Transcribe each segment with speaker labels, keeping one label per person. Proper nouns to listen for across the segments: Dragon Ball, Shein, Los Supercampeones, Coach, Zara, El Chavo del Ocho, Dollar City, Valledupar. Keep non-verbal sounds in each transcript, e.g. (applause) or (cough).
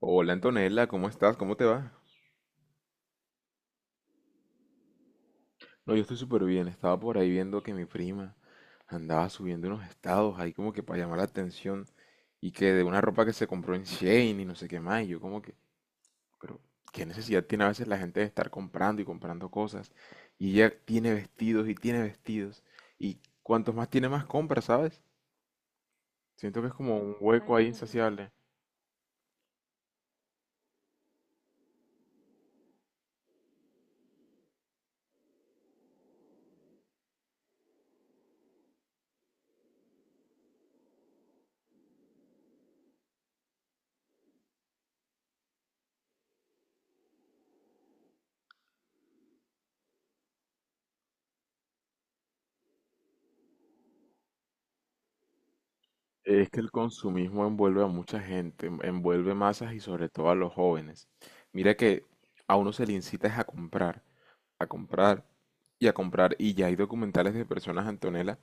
Speaker 1: Hola Antonella, ¿cómo estás? ¿Cómo te va? No, yo estoy súper bien. Estaba por ahí viendo que mi prima andaba subiendo unos estados ahí como que para llamar la atención y que de una ropa que se compró en Shein y no sé qué más. Y yo como que, pero ¿qué necesidad tiene a veces la gente de estar comprando y comprando cosas? Y ella tiene vestidos. Y cuantos más tiene más compra, ¿sabes? Siento que es como un hueco ahí. Ay, insaciable. Es que el consumismo envuelve a mucha gente, envuelve masas y sobre todo a los jóvenes. Mira que a uno se le incita es a comprar, a comprar a comprar. Y ya hay documentales de personas, Antonella,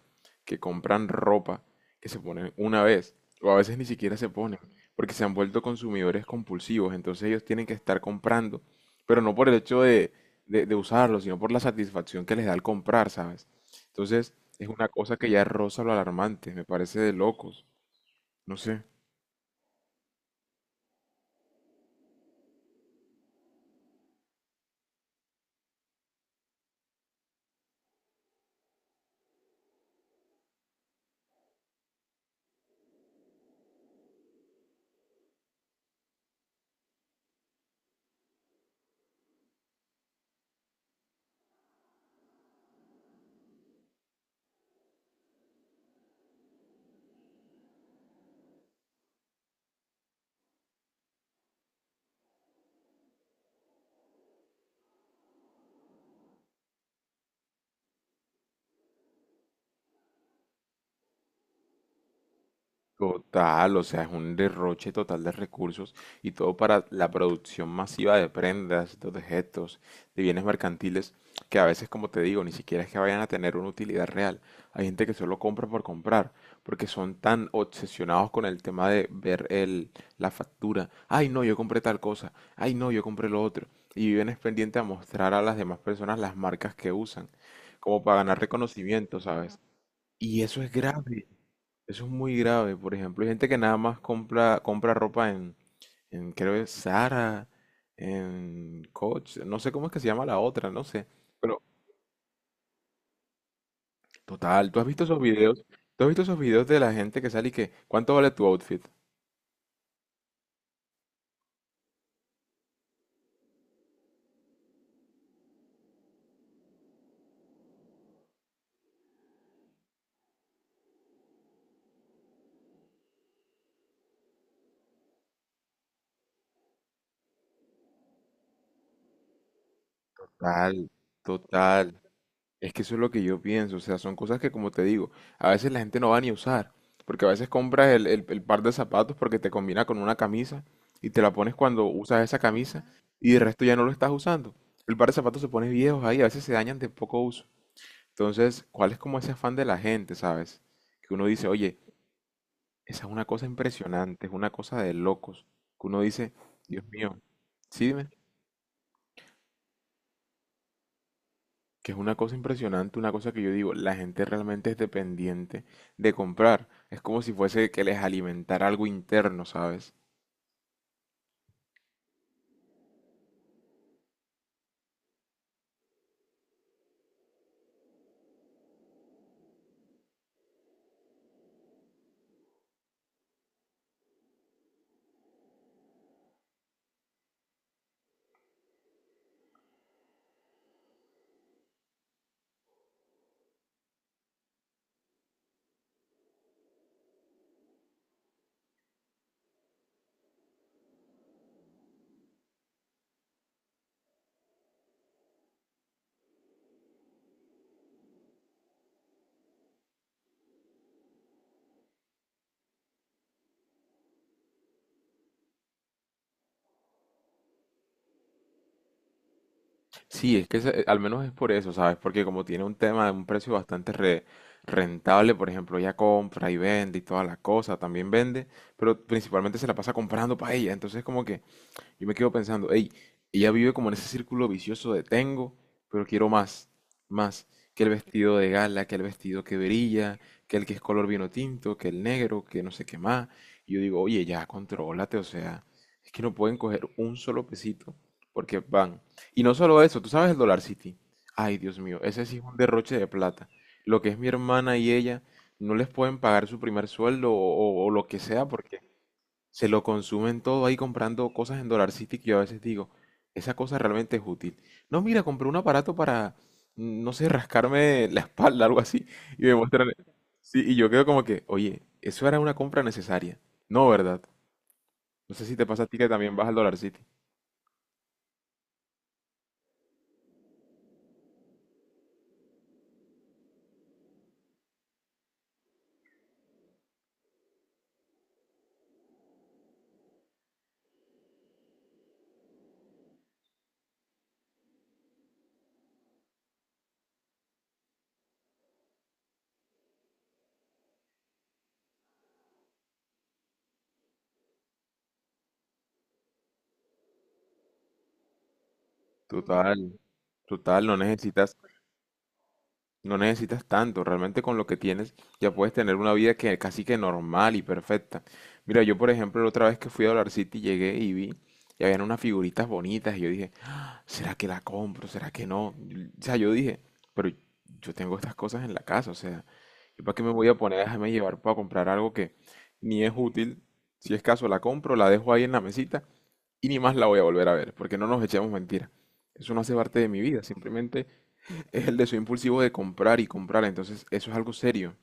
Speaker 1: que compran ropa, que se ponen una vez o a veces ni siquiera se ponen porque se han vuelto consumidores compulsivos. Entonces ellos tienen que estar comprando, pero no por el hecho de, de usarlo, sino por la satisfacción que les da el comprar, ¿sabes? Entonces es una cosa que ya roza lo alarmante, me parece de locos. No sé. Total, o sea, es un derroche total de recursos y todo para la producción masiva de prendas, de objetos, de bienes mercantiles, que a veces, como te digo, ni siquiera es que vayan a tener una utilidad real. Hay gente que solo compra por comprar, porque son tan obsesionados con el tema de ver el, la factura. Ay, no, yo compré tal cosa. Ay, no, yo compré lo otro. Y viven es pendiente a mostrar a las demás personas las marcas que usan, como para ganar reconocimiento, ¿sabes? Y eso es grave. Eso es muy grave. Por ejemplo, hay gente que nada más compra, compra ropa en, creo que Zara, en Coach, no sé cómo es que se llama la otra, no sé. Pero, total, ¿tú has visto esos videos? ¿Tú has visto esos videos de la gente que sale y que, ¿cuánto vale tu outfit? Total, total. Es que eso es lo que yo pienso, o sea, son cosas que como te digo, a veces la gente no va ni a usar, porque a veces compras el, el par de zapatos porque te combina con una camisa y te la pones cuando usas esa camisa y de resto ya no lo estás usando. El par de zapatos se pone viejos ahí, a veces se dañan de poco uso. Entonces, ¿cuál es como ese afán de la gente, sabes? Que uno dice, oye, esa es una cosa impresionante, es una cosa de locos, que uno dice, Dios mío, sí, dime. Que es una cosa impresionante, una cosa que yo digo, la gente realmente es dependiente de comprar. Es como si fuese que les alimentara algo interno, ¿sabes? Sí, es que al menos es por eso, ¿sabes? Porque como tiene un tema de un precio bastante rentable, por ejemplo, ella compra y vende y toda la cosa, también vende, pero principalmente se la pasa comprando para ella. Entonces como que yo me quedo pensando, hey, ella vive como en ese círculo vicioso de tengo, pero quiero más, más, que el vestido de gala, que el vestido que brilla, que el que es color vino tinto, que el negro, que no sé qué más. Y yo digo, oye, ya, contrólate, o sea, es que no pueden coger un solo pesito, porque van. Y no solo eso, tú sabes el Dollar City. Ay, Dios mío, ese sí es un derroche de plata. Lo que es mi hermana y ella, no les pueden pagar su primer sueldo o, o lo que sea, porque se lo consumen todo ahí comprando cosas en Dollar City que yo a veces digo, esa cosa realmente es útil. No, mira, compré un aparato para, no sé, rascarme la espalda, algo así, y me muestran, sí, y yo quedo como que, oye, eso era una compra necesaria. No, ¿verdad? No sé si te pasa a ti que también vas al Dollar City. Total, total, no necesitas. No necesitas tanto, realmente con lo que tienes ya puedes tener una vida que casi que normal y perfecta. Mira, yo por ejemplo la otra vez que fui a Dollar City llegué y vi y habían unas figuritas bonitas y yo dije, ¿será que la compro? ¿Será que no? O sea, yo dije, pero yo tengo estas cosas en la casa, o sea, ¿yo para qué me voy a poner a dejarme llevar para comprar algo que ni es útil? Si es caso, la compro, la dejo ahí en la mesita y ni más la voy a volver a ver, porque no nos echemos mentiras. Eso no hace parte de mi vida, simplemente es el deseo impulsivo de comprar y comprar, entonces eso es algo serio.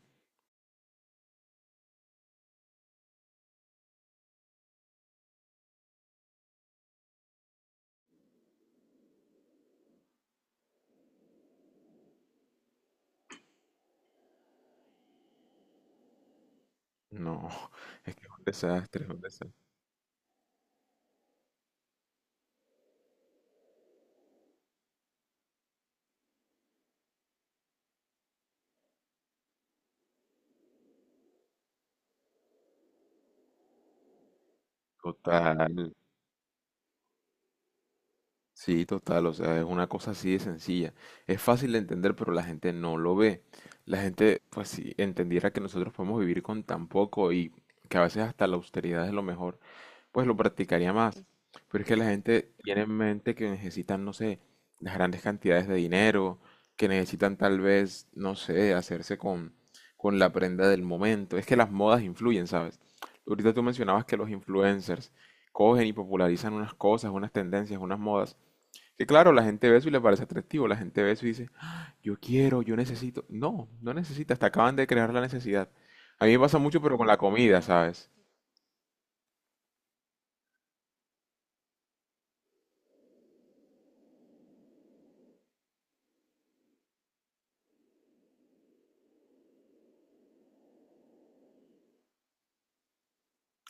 Speaker 1: No, (laughs) es que es un desastre, es un desastre. Total, sí, total, o sea, es una cosa así de sencilla. Es fácil de entender, pero la gente no lo ve. La gente, pues si entendiera que nosotros podemos vivir con tan poco y que a veces hasta la austeridad es lo mejor, pues lo practicaría más. Pero es que la gente tiene en mente que necesitan, no sé, las grandes cantidades de dinero, que necesitan tal vez, no sé, hacerse con la prenda del momento. Es que las modas influyen, ¿sabes? Ahorita tú mencionabas que los influencers cogen y popularizan unas cosas, unas tendencias, unas modas. Que claro, la gente ve eso y le parece atractivo. La gente ve eso y dice, yo quiero, yo necesito. No, no necesitas, te acaban de crear la necesidad. A mí me pasa mucho, pero con la comida, ¿sabes?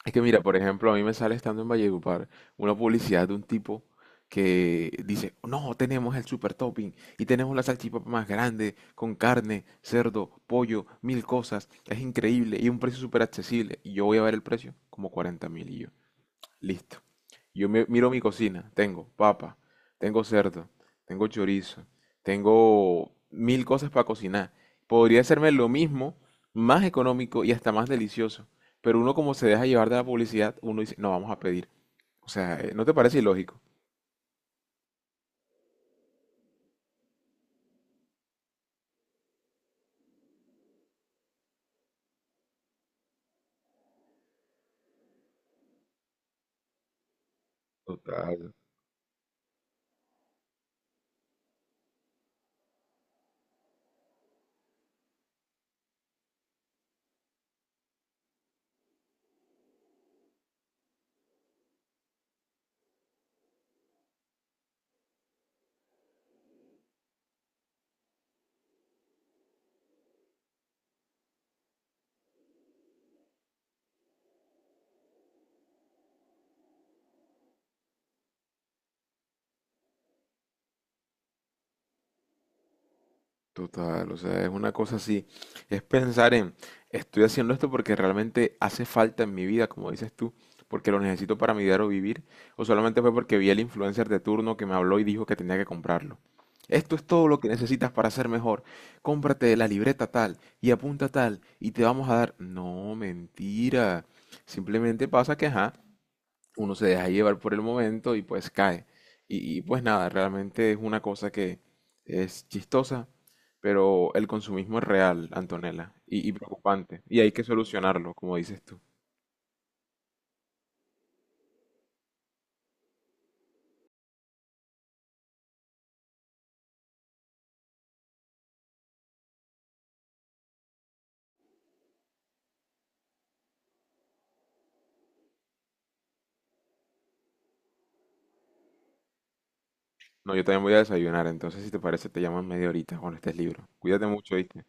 Speaker 1: Es que mira, por ejemplo, a mí me sale estando en Valledupar una publicidad de un tipo que dice, no, tenemos el super topping y tenemos la salchipapa más grande con carne, cerdo, pollo, mil cosas. Es increíble y un precio súper accesible. Y yo voy a ver el precio, como 40 mil y yo. Listo. Miro mi cocina. Tengo papa, tengo cerdo, tengo chorizo, tengo mil cosas para cocinar. Podría hacerme lo mismo, más económico y hasta más delicioso. Pero uno como se deja llevar de la publicidad, uno dice, no, vamos a pedir. O sea, ¿no te parece ilógico? Total. Total, o sea, es una cosa así, es pensar en, estoy haciendo esto porque realmente hace falta en mi vida, como dices tú, porque lo necesito para mi diario vivir, o solamente fue porque vi al influencer de turno que me habló y dijo que tenía que comprarlo. Esto es todo lo que necesitas para ser mejor. Cómprate la libreta tal y apunta tal y te vamos a dar... No, mentira. Simplemente pasa que, ajá, uno se deja llevar por el momento y pues cae. Y, pues nada, realmente es una cosa que es chistosa, pero el consumismo es real, Antonella, y preocupante. Y hay que solucionarlo, como dices tú. No, yo también voy a desayunar, entonces si te parece te llamo en media horita cuando estés libro. Cuídate mucho, ¿viste?